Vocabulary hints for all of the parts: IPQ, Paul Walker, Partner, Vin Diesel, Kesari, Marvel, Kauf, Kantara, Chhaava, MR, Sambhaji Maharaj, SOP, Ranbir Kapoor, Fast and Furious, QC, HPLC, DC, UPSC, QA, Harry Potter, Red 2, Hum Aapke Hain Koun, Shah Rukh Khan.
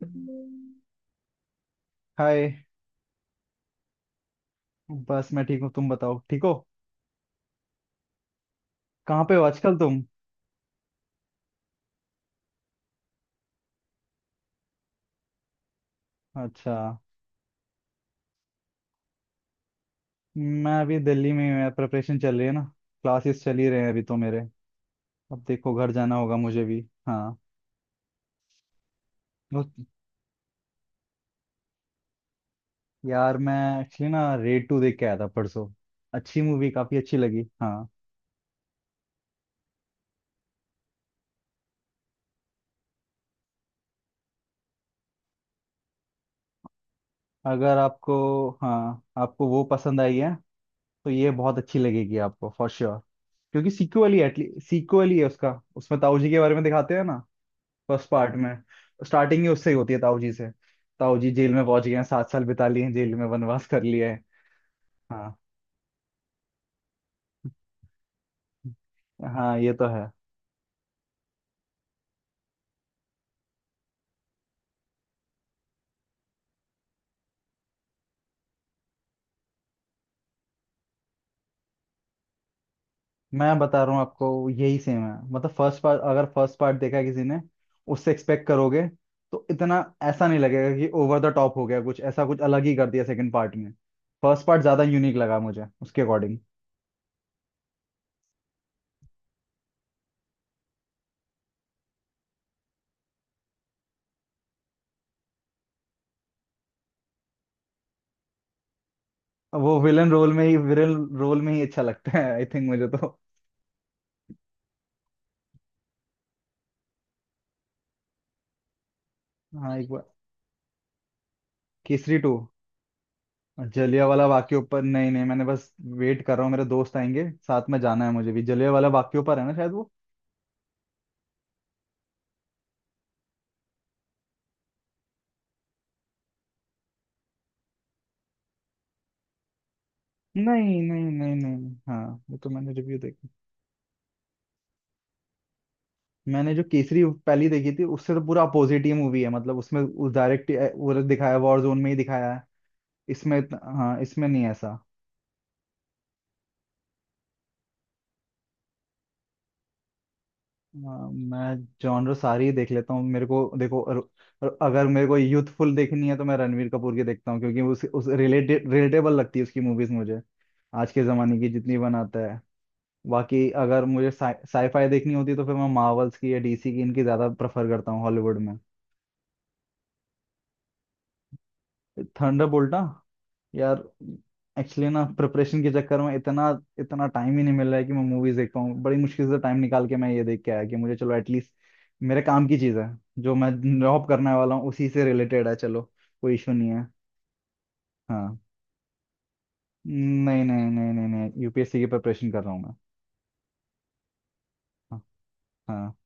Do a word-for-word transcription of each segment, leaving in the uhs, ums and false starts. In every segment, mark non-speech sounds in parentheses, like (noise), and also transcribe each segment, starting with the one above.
हाय। बस मैं ठीक हूँ, तुम बताओ, ठीक हो? कहाँ पे हो आजकल तुम? अच्छा। मैं अभी दिल्ली में हूँ, प्रिपरेशन चल रही है ना। क्लासेस चल ही रहे हैं अभी तो मेरे। अब देखो, घर जाना होगा मुझे भी। हाँ। वो- यार, मैं एक्चुअली ना रेड टू देख के आया था परसों। अच्छी मूवी, काफी अच्छी लगी। हाँ, अगर आपको, हाँ आपको वो पसंद आई है तो ये बहुत अच्छी लगेगी आपको फॉर श्योर। क्योंकि सीक्वल ही एटली सीक्वल ही है उसका, उसमें ताऊ जी के बारे में दिखाते हैं ना। फर्स्ट पार्ट में स्टार्टिंग ही उससे ही होती है, ताऊ जी से। ताऊ जी जेल में पहुंच गए हैं, सात साल बिता लिए हैं जेल में, वनवास कर लिए हैं। हाँ हाँ, ये तो है। मैं बता रहा हूँ आपको, यही सेम है। मतलब फर्स्ट पार्ट अगर फर्स्ट पार्ट देखा है किसी ने उससे एक्सपेक्ट करोगे तो इतना ऐसा नहीं लगेगा कि ओवर द टॉप हो गया, कुछ ऐसा कुछ अलग ही कर दिया सेकंड पार्ट में। फर्स्ट पार्ट ज्यादा यूनिक लगा मुझे उसके अकॉर्डिंग। वो विलन रोल में ही, विलन रोल में ही अच्छा लगता है आई थिंक मुझे तो। हाँ एक बार। केसरी टू। जलिया वाला वाक्य ऊपर नहीं, नहीं मैंने बस वेट कर रहा हूँ, मेरे दोस्त आएंगे साथ में, जाना है मुझे भी। जलिया वाला वाक्य ऊपर है ना शायद वो। नहीं नहीं नहीं नहीं, हाँ वो तो मैंने रिव्यू देखी। मैंने जो केसरी पहली देखी थी उससे तो पूरा अपोजिट ही मूवी है, मतलब उसमें उस डायरेक्ट, वो दिखाया वॉर जोन में ही दिखाया है। इसमें इतना- हाँ इसमें नहीं है ऐसा। हाँ, मैं जॉनर सारी ही देख लेता हूँ। मेरे को देखो, अर- अर- अगर मेरे को यूथफुल देखनी है तो मैं रणवीर कपूर की देखता हूँ, क्योंकि उस उस रिलेटेड रिलेटेबल लगती है उसकी मूवीज मुझे, आज के जमाने की जितनी बनाता है। बाकी अगर मुझे साईफाई देखनी होती तो फिर मैं मार्वल्स की या डीसी की, इनकी ज्यादा प्रेफर करता हूँ हॉलीवुड में। थंडरबोल्ट ना। यार एक्चुअली ना प्रिपरेशन के चक्कर में इतना, इतना टाइम ही नहीं मिल रहा है कि मैं मूवीज देख पाऊँ। बड़ी मुश्किल से टाइम निकाल के मैं ये देख के आया कि मुझे चलो एटलीस्ट मेरे काम की चीज़ है, जो मैं जॉब करने वाला हूँ उसी से रिलेटेड है, चलो कोई इशू नहीं है। हाँ। नहीं नहीं नहीं नहीं नहीं, यूपीएससी की प्रिपरेशन कर रहा हूँ मैं। हाँ हाँ।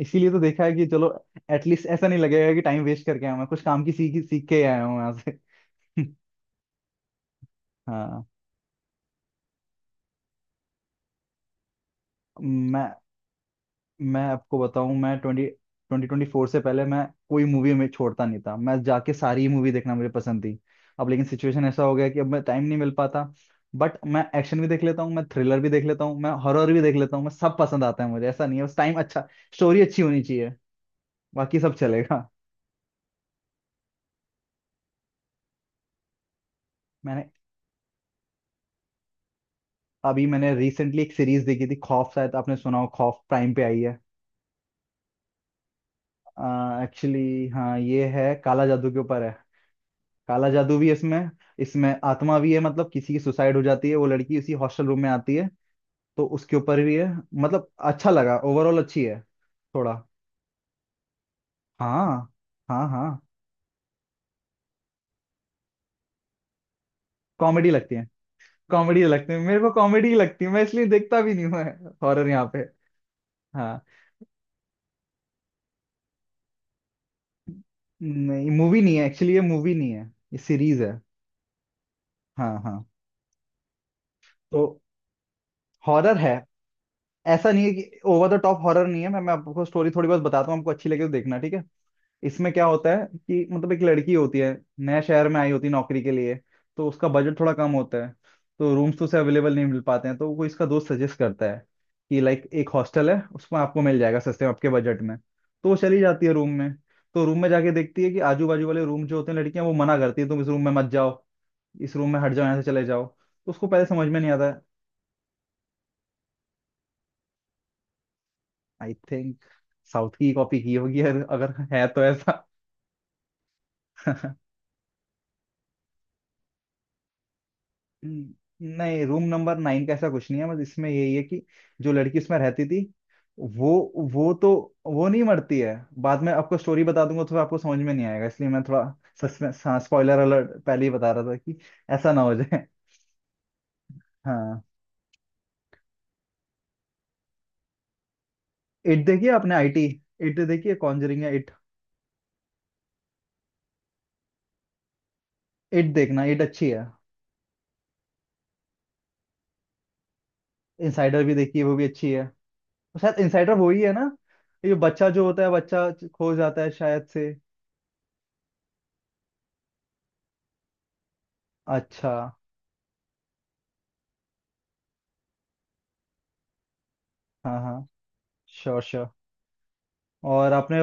इसीलिए तो देखा है कि चलो एटलीस्ट ऐसा नहीं लगेगा कि टाइम वेस्ट करके आया हूं, मैं कुछ काम की सीख सीख के आया हूँ यहाँ से। (laughs) हाँ। मैं मैं आपको बताऊं, मैं ट्वेंटी ट्वेंटी ट्वेंटी फोर से पहले मैं कोई मूवी में छोड़ता नहीं था, मैं जाके सारी मूवी देखना मुझे पसंद थी। अब लेकिन सिचुएशन ऐसा हो गया कि अब मैं टाइम नहीं मिल पाता। बट मैं एक्शन भी देख लेता हूँ, मैं थ्रिलर भी देख लेता हूँ, मैं हॉरर भी देख लेता हूँ, मैं सब पसंद आता है मुझे, ऐसा नहीं है। बस टाइम अच्छा, स्टोरी अच्छी होनी चाहिए, बाकी सब चलेगा। मैंने, अभी मैंने रिसेंटली एक सीरीज देखी थी खौफ, शायद आपने सुना हो। खौफ प्राइम पे आई है। एक्चुअली, हाँ ये है, काला जादू के ऊपर है। काला जादू भी इसमें इसमें आत्मा भी है, मतलब किसी की सुसाइड हो जाती है, वो लड़की इसी हॉस्टल रूम में आती है, तो उसके ऊपर भी है। मतलब अच्छा लगा, ओवरऑल अच्छी है थोड़ा। हाँ हाँ हाँ। कॉमेडी लगती है, कॉमेडी लगती है मेरे को, कॉमेडी लगती है, मैं इसलिए देखता भी नहीं हूँ हॉरर यहाँ पे। हाँ नहीं, मूवी नहीं है एक्चुअली, ये मूवी नहीं है, ये सीरीज है। हाँ हाँ। तो हॉरर है, ऐसा नहीं है कि ओवर द टॉप हॉरर नहीं है। मैं मैं आपको स्टोरी थोड़ी बहुत बताता हूँ, आपको अच्छी लगे तो देखना ठीक है। इसमें क्या होता है कि मतलब एक लड़की होती है, नए शहर में आई होती है नौकरी के लिए। तो उसका बजट थोड़ा कम होता है, तो रूम्स तो उसे अवेलेबल नहीं मिल पाते हैं, तो कोई इसका दोस्त सजेस्ट करता है कि लाइक एक हॉस्टल है, उसमें आपको मिल जाएगा सस्ते में आपके बजट में। तो वो चली जाती है रूम में। तो रूम में जाके देखती है कि आजू बाजू वाले रूम जो होते हैं, लड़कियां वो मना करती है, तुम इस रूम में मत जाओ, इस रूम में हट जाओ, यहाँ से चले जाओ। तो उसको पहले समझ में नहीं आता है। आई थिंक साउथ की कॉपी की होगी, अगर अगर है तो, ऐसा। (laughs) हम्म, नहीं रूम नंबर नाइन का ऐसा कुछ नहीं है, बस इसमें यही है कि जो लड़की उसमें रहती थी, वो वो तो वो नहीं मरती है। बाद में आपको स्टोरी बता दूंगा तो आपको समझ में नहीं आएगा, इसलिए मैं थोड़ा सस्पेंस, हाँ स्पॉइलर अलर्ट पहले ही बता रहा था कि ऐसा ना हो जाए। (laughs) हाँ। इट देखिए, आपने आईटी, इट देखिए, कॉन्जरिंग है, इट। इट देखना, इट अच्छी है। इनसाइडर भी देखिए, वो भी अच्छी है। शायद इनसाइडर वो ही है ना, ये बच्चा जो होता है, बच्चा खो जाता है शायद से। अच्छा। हाँ हाँ, श्योर श्योर। और आपने,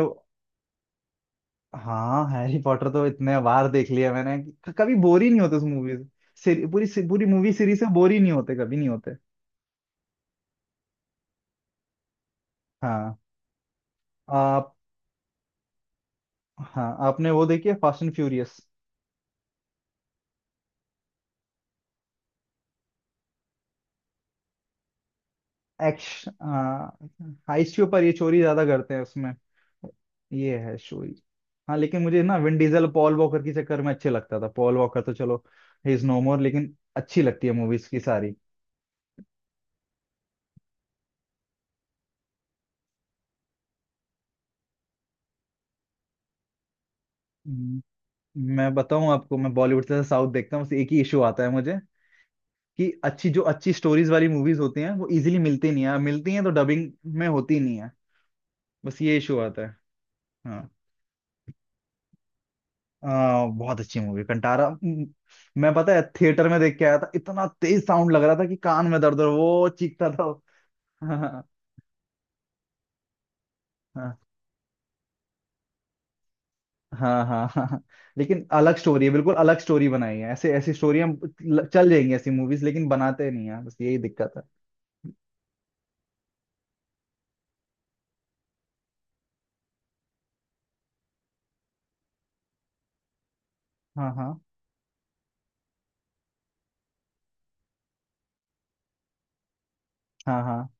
हाँ हैरी पॉटर तो इतने बार देख लिया मैंने कि क- कभी बोर ही नहीं होते उस मूवी से। सीरी- पूरी से, पूरी मूवी सीरीज से बोर ही नहीं होते, कभी नहीं होते। हाँ। आप, हाँ आपने वो देखी है, फास्ट एंड फ्यूरियस। एक्श हाइस्ट के ऊपर, ये चोरी ज्यादा करते हैं उसमें, ये है स्टोरी। हाँ लेकिन मुझे ना विन डीजल, पॉल वॉकर के चक्कर में अच्छे लगता था। पॉल वॉकर तो चलो, ही इज नो मोर, लेकिन अच्छी लगती है मूवीज की सारी। हम्म, मैं बताऊं आपको, मैं बॉलीवुड से साउथ देखता हूँ, बस एक ही इशू आता है मुझे कि अच्छी जो अच्छी स्टोरीज वाली मूवीज होती हैं वो इजीली मिलती नहीं है, मिलती हैं तो डबिंग में होती नहीं है, बस ये इशू आता है। हाँ। आ, बहुत अच्छी मूवी कंटारा। म, मैं, पता है थिएटर में देख के आया था, इतना तेज साउंड लग रहा था कि कान में दर्द हो रहा- वो चीखता था वो। हाँ हाँ हाँ हाँ हाँ। लेकिन अलग स्टोरी है, बिल्कुल अलग स्टोरी बनाई है, ऐसे ऐसी स्टोरी हम चल जाएंगी ऐसी मूवीज, लेकिन बनाते नहीं है, बस यही दिक्कत है। हाँ हाँ हाँ हाँ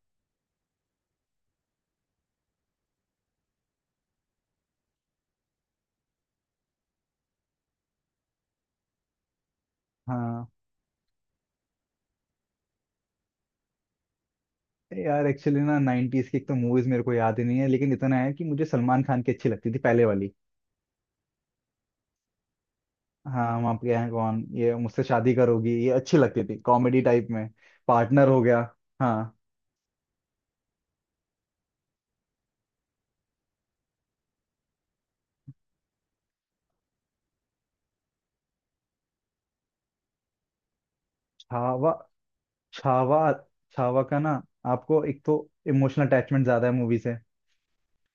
हाँ। अरे यार, एक्चुअली ना नाइन्टीज की एक तो मूवीज मेरे को याद ही नहीं है, लेकिन इतना है कि मुझे सलमान खान की अच्छी लगती थी पहले वाली। हाँ, हम आपके यहाँ कौन, ये मुझसे शादी करोगी, ये अच्छी लगती थी कॉमेडी टाइप में। पार्टनर हो गया। हाँ। छावा, छावा, छावा का ना, आपको एक तो इमोशनल अटैचमेंट ज्यादा है मूवी से।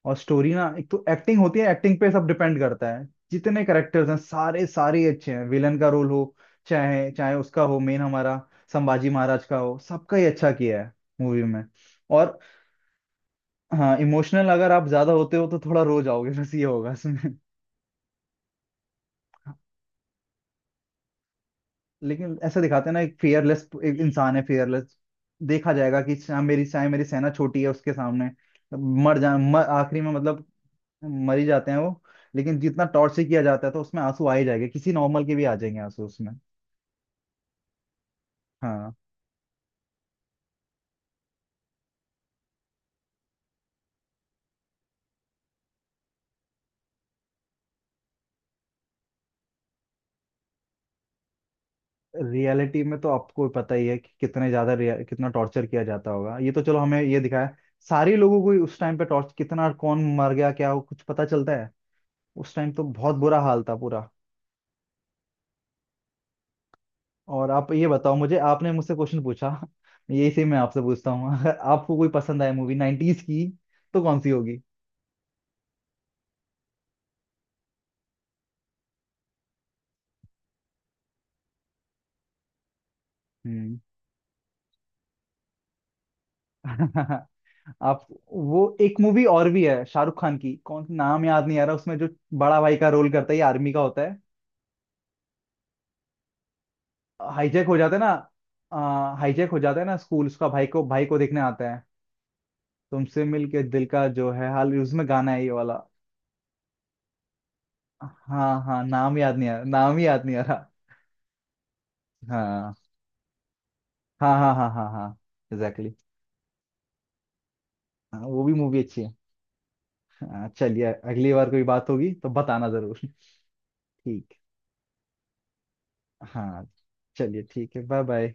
और स्टोरी ना, एक तो एक्टिंग होती है, एक्टिंग पे सब डिपेंड करता है, जितने करेक्टर्स हैं सारे सारे ही अच्छे हैं। विलन का रोल हो चाहे चाहे उसका हो, मेन हमारा संभाजी महाराज का हो, सबका ही अच्छा किया है मूवी में। और हाँ, इमोशनल अगर आप ज्यादा होते हो तो थोड़ा रो जाओगे, बस ये होगा इसमें। लेकिन ऐसा दिखाते हैं ना, एक फियरलेस एक इंसान है फियरलेस, देखा जाएगा कि चाहे मेरी चाहे मेरी सेना छोटी है उसके सामने। मर जा मर, आखिरी में मतलब मर ही जाते हैं वो। लेकिन जितना टॉर्चर किया जाता है तो उसमें आंसू आ ही जाएंगे, किसी नॉर्मल के भी आ जाएंगे आंसू उसमें। हाँ। रियलिटी में तो आपको पता ही है कि कितने ज्यादा रिय- कितना टॉर्चर किया जाता होगा, ये तो चलो हमें ये दिखाया। सारे लोगों को ही उस टाइम पे टॉर्च कितना कौन मर गया, क्या वो कुछ पता चलता है, उस टाइम तो बहुत बुरा हाल था पूरा। और आप ये बताओ मुझे, आपने मुझसे क्वेश्चन पूछा, यही से मैं आपसे पूछता हूँ, (laughs) अगर आपको कोई पसंद आए मूवी नाइनटीज की तो कौन सी होगी? हम्म। (laughs) आप, वो एक मूवी और भी है शाहरुख खान की, कौन, नाम याद नहीं आ रहा, उसमें जो बड़ा भाई का रोल करता है, ये आर्मी का होता है। हाईजैक हो जाता है ना, हाईजैक हो जाता है ना, स्कूल उसका, भाई को भाई को देखने आता है। तुमसे मिलके दिल का जो है हाल, उसमें गाना है ये वाला। हाँ हाँ, नाम याद नहीं आ रहा, नाम ही याद नहीं आ रहा। हाँ हाँ हाँ हाँ हाँ हाँ, एग्जैक्टली। हाँ, वो भी मूवी अच्छी है। हाँ चलिए अगली बार कोई बात होगी तो बताना जरूर। (laughs) ठीक। हाँ चलिए, ठीक है, बाय बाय।